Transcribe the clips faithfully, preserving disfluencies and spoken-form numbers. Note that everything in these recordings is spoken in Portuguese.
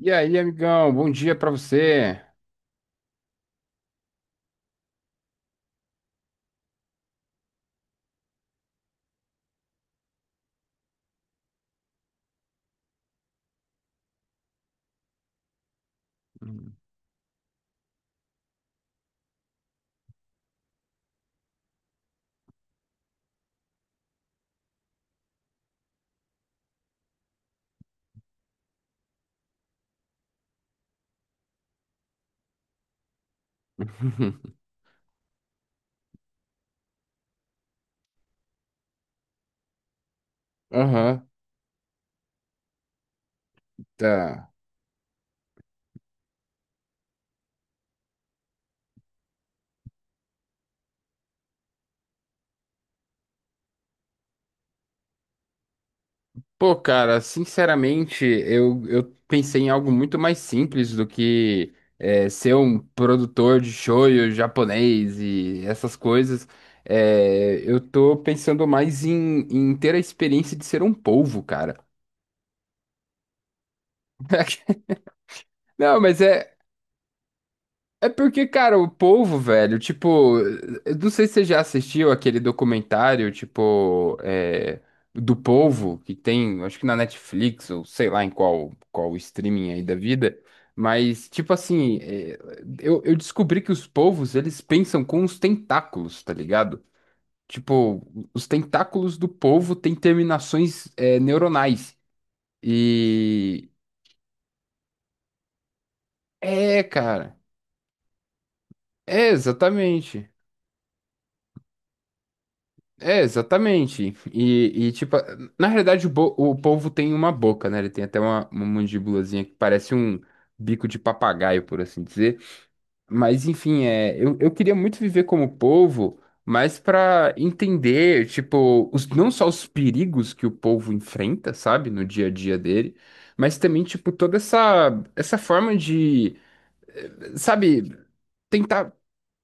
E aí, amigão, bom dia pra você. Hum. Aham, tá. Pô, cara, sinceramente, eu, eu pensei em algo muito mais simples do que é, ser um produtor de shoyu japonês e essas coisas. É, eu tô pensando mais em, em ter a experiência de ser um polvo, cara. Não, mas é, é porque, cara, o povo, velho, tipo, eu não sei se você já assistiu aquele documentário, tipo, é, do povo, que tem, acho que na Netflix, ou sei lá em qual, qual streaming aí da vida, mas, tipo assim, é, eu, eu descobri que os povos, eles pensam com os tentáculos, tá ligado? Tipo, os tentáculos do povo têm terminações, é, neuronais. E. É, cara. É, exatamente. É, exatamente. E, e, tipo, na realidade o, bo- o polvo tem uma boca, né? Ele tem até uma, uma mandíbulazinha que parece um bico de papagaio, por assim dizer. Mas, enfim, é, eu, eu queria muito viver como polvo, mas pra entender, tipo, os, não só os perigos que o polvo enfrenta, sabe, no dia a dia dele, mas também, tipo, toda essa, essa forma de, sabe, tentar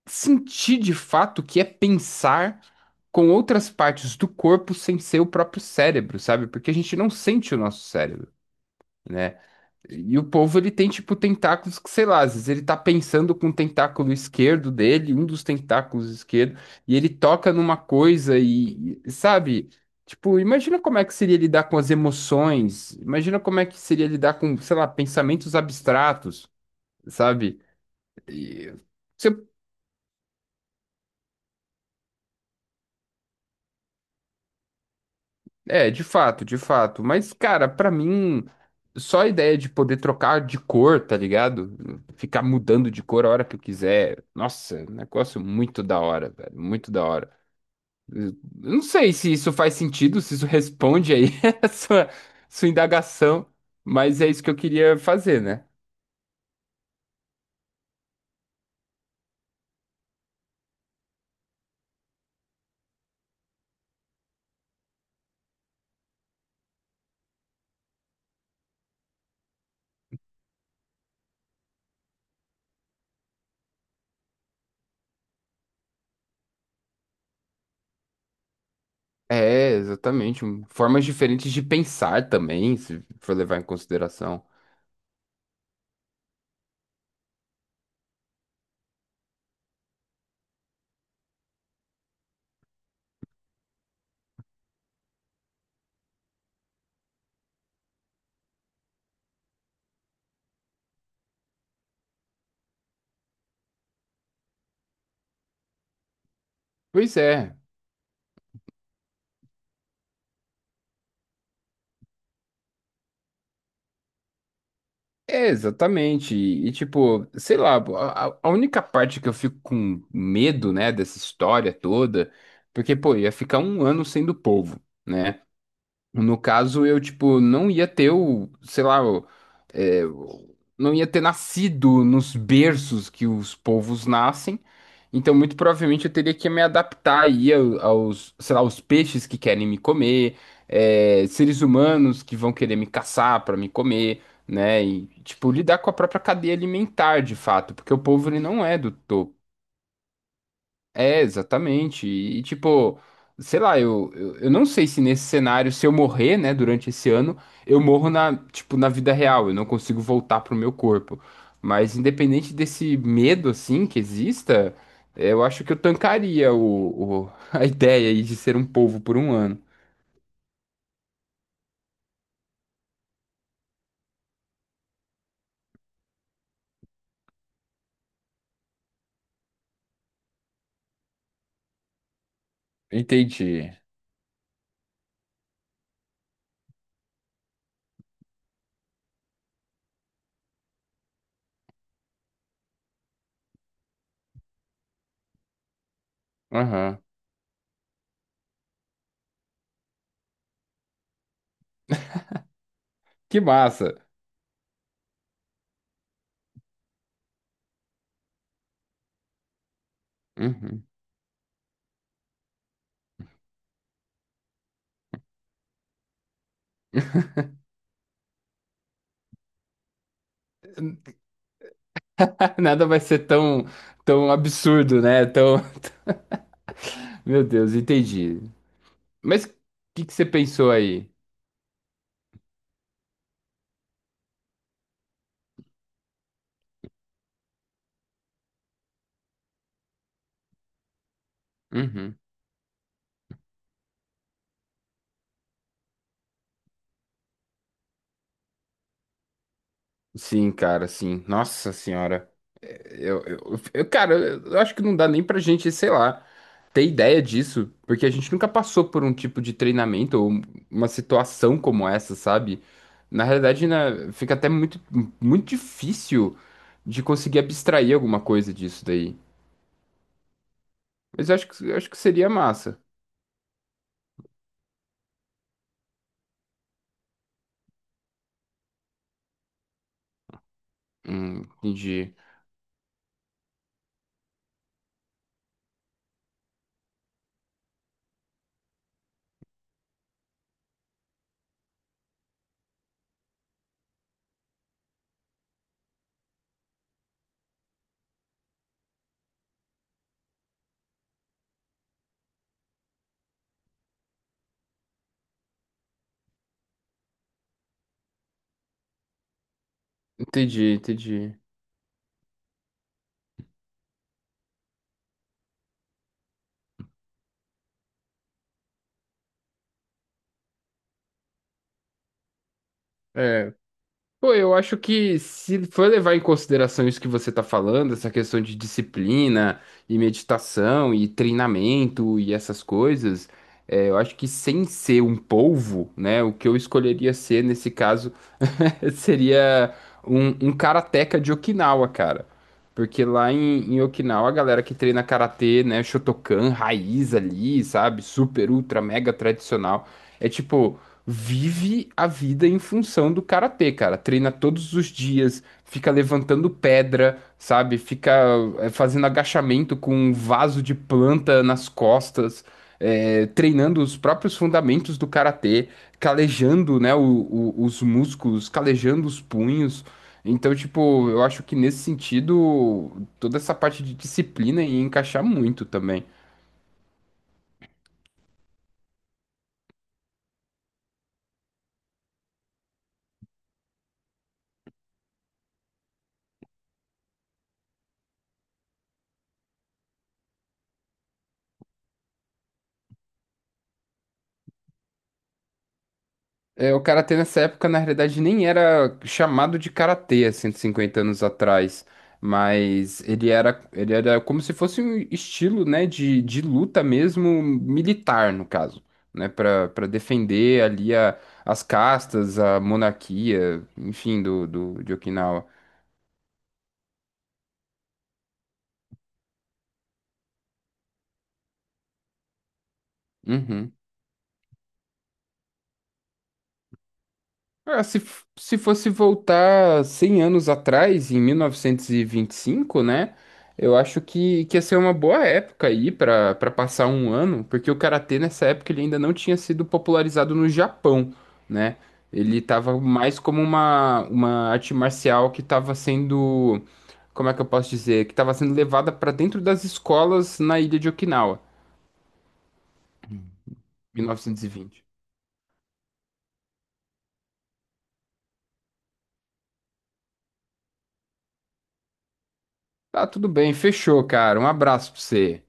sentir de fato o que é pensar com outras partes do corpo sem ser o próprio cérebro, sabe? Porque a gente não sente o nosso cérebro, né? E o povo, ele tem, tipo, tentáculos que, sei lá, às vezes ele tá pensando com o tentáculo esquerdo dele, um dos tentáculos esquerdo, e ele toca numa coisa e, e, sabe? Tipo, imagina como é que seria lidar com as emoções, imagina como é que seria lidar com, sei lá, pensamentos abstratos, sabe? E- se- É, de fato, de fato. Mas, cara, pra mim, só a ideia de poder trocar de cor, tá ligado? Ficar mudando de cor a hora que eu quiser. Nossa, é um negócio muito da hora, velho. Muito da hora. Eu não sei se isso faz sentido, se isso responde aí a sua, sua indagação, mas é isso que eu queria fazer, né? É, exatamente. Formas diferentes de pensar também, se for levar em consideração. Pois é. É, exatamente. E, e, tipo, sei lá, a, a- a única parte que eu fico com medo, né, dessa história toda, porque, pô, ia ficar um ano sendo povo, né? No caso, eu, tipo, não ia ter o, sei lá, o- é, o- não ia ter nascido nos berços que os povos nascem. Então, muito provavelmente, eu teria que me adaptar aí ao- aos, sei lá, aos peixes que querem me comer, é, seres humanos que vão querer me caçar para me comer, né? E, tipo, lidar com a própria cadeia alimentar, de fato, porque o povo, ele não é do topo. É, exatamente. E, e, tipo, sei lá, eu, eu, eu não sei se nesse cenário, se eu morrer, né, durante esse ano, eu morro na, tipo, na vida real, eu não consigo voltar pro meu corpo. Mas independente desse medo, assim, que exista, eu acho que eu tancaria o, o- a ideia aí de ser um povo por um ano. Entendi. Aham. Que massa. Uhum. Nada vai ser tão, tão absurdo, né? Tão... Meu Deus, entendi. Mas o que que você pensou aí? Uhum. Sim, cara, sim. Nossa senhora. Eu, eu, eu- cara, eu acho que não dá nem pra gente, sei lá, ter ideia disso, porque a gente nunca passou por um tipo de treinamento ou um, uma situação como essa, sabe? Na realidade, né, fica até muito, muito difícil de conseguir abstrair alguma coisa disso daí. Mas eu acho que, eu acho que seria massa. Hum, entendi. Entendi, entendi. É, Pô, eu acho que se for levar em consideração isso que você tá falando, essa questão de disciplina e meditação e treinamento e essas coisas, é, eu acho que sem ser um polvo, né, o que eu escolheria ser nesse caso seria um, um karateca de Okinawa, cara. Porque lá em, em Okinawa, a galera que treina karatê, né, Shotokan, raiz ali, sabe? Super, ultra, mega tradicional. É tipo, vive a vida em função do karatê, cara. Treina todos os dias, fica levantando pedra, sabe? Fica é, fazendo agachamento com um vaso de planta nas costas, é, treinando os próprios fundamentos do karatê calejando, né, o- o- os músculos, calejando os punhos. Então, tipo, eu acho que nesse sentido, toda essa parte de disciplina ia encaixar muito também. É, o karatê nessa época, na realidade, nem era chamado de karatê há cento e cinquenta anos atrás, mas ele era, ele era como se fosse um estilo, né, de, de luta mesmo, militar, no caso, né, para para defender ali a, as castas, a monarquia, enfim, do, do, de Okinawa. Uhum. Ah, se, f- se fosse voltar cem anos atrás, em mil novecentos e vinte e cinco, né? Eu acho que, que ia ser uma boa época aí para para passar um ano, porque o karatê nessa época ele ainda não tinha sido popularizado no Japão, né? Ele estava mais como uma, uma arte marcial que estava sendo, como é que eu posso dizer? Que estava sendo levada para dentro das escolas na ilha de Okinawa, mil novecentos e vinte. Tá, tudo bem, fechou, cara. Um abraço para você.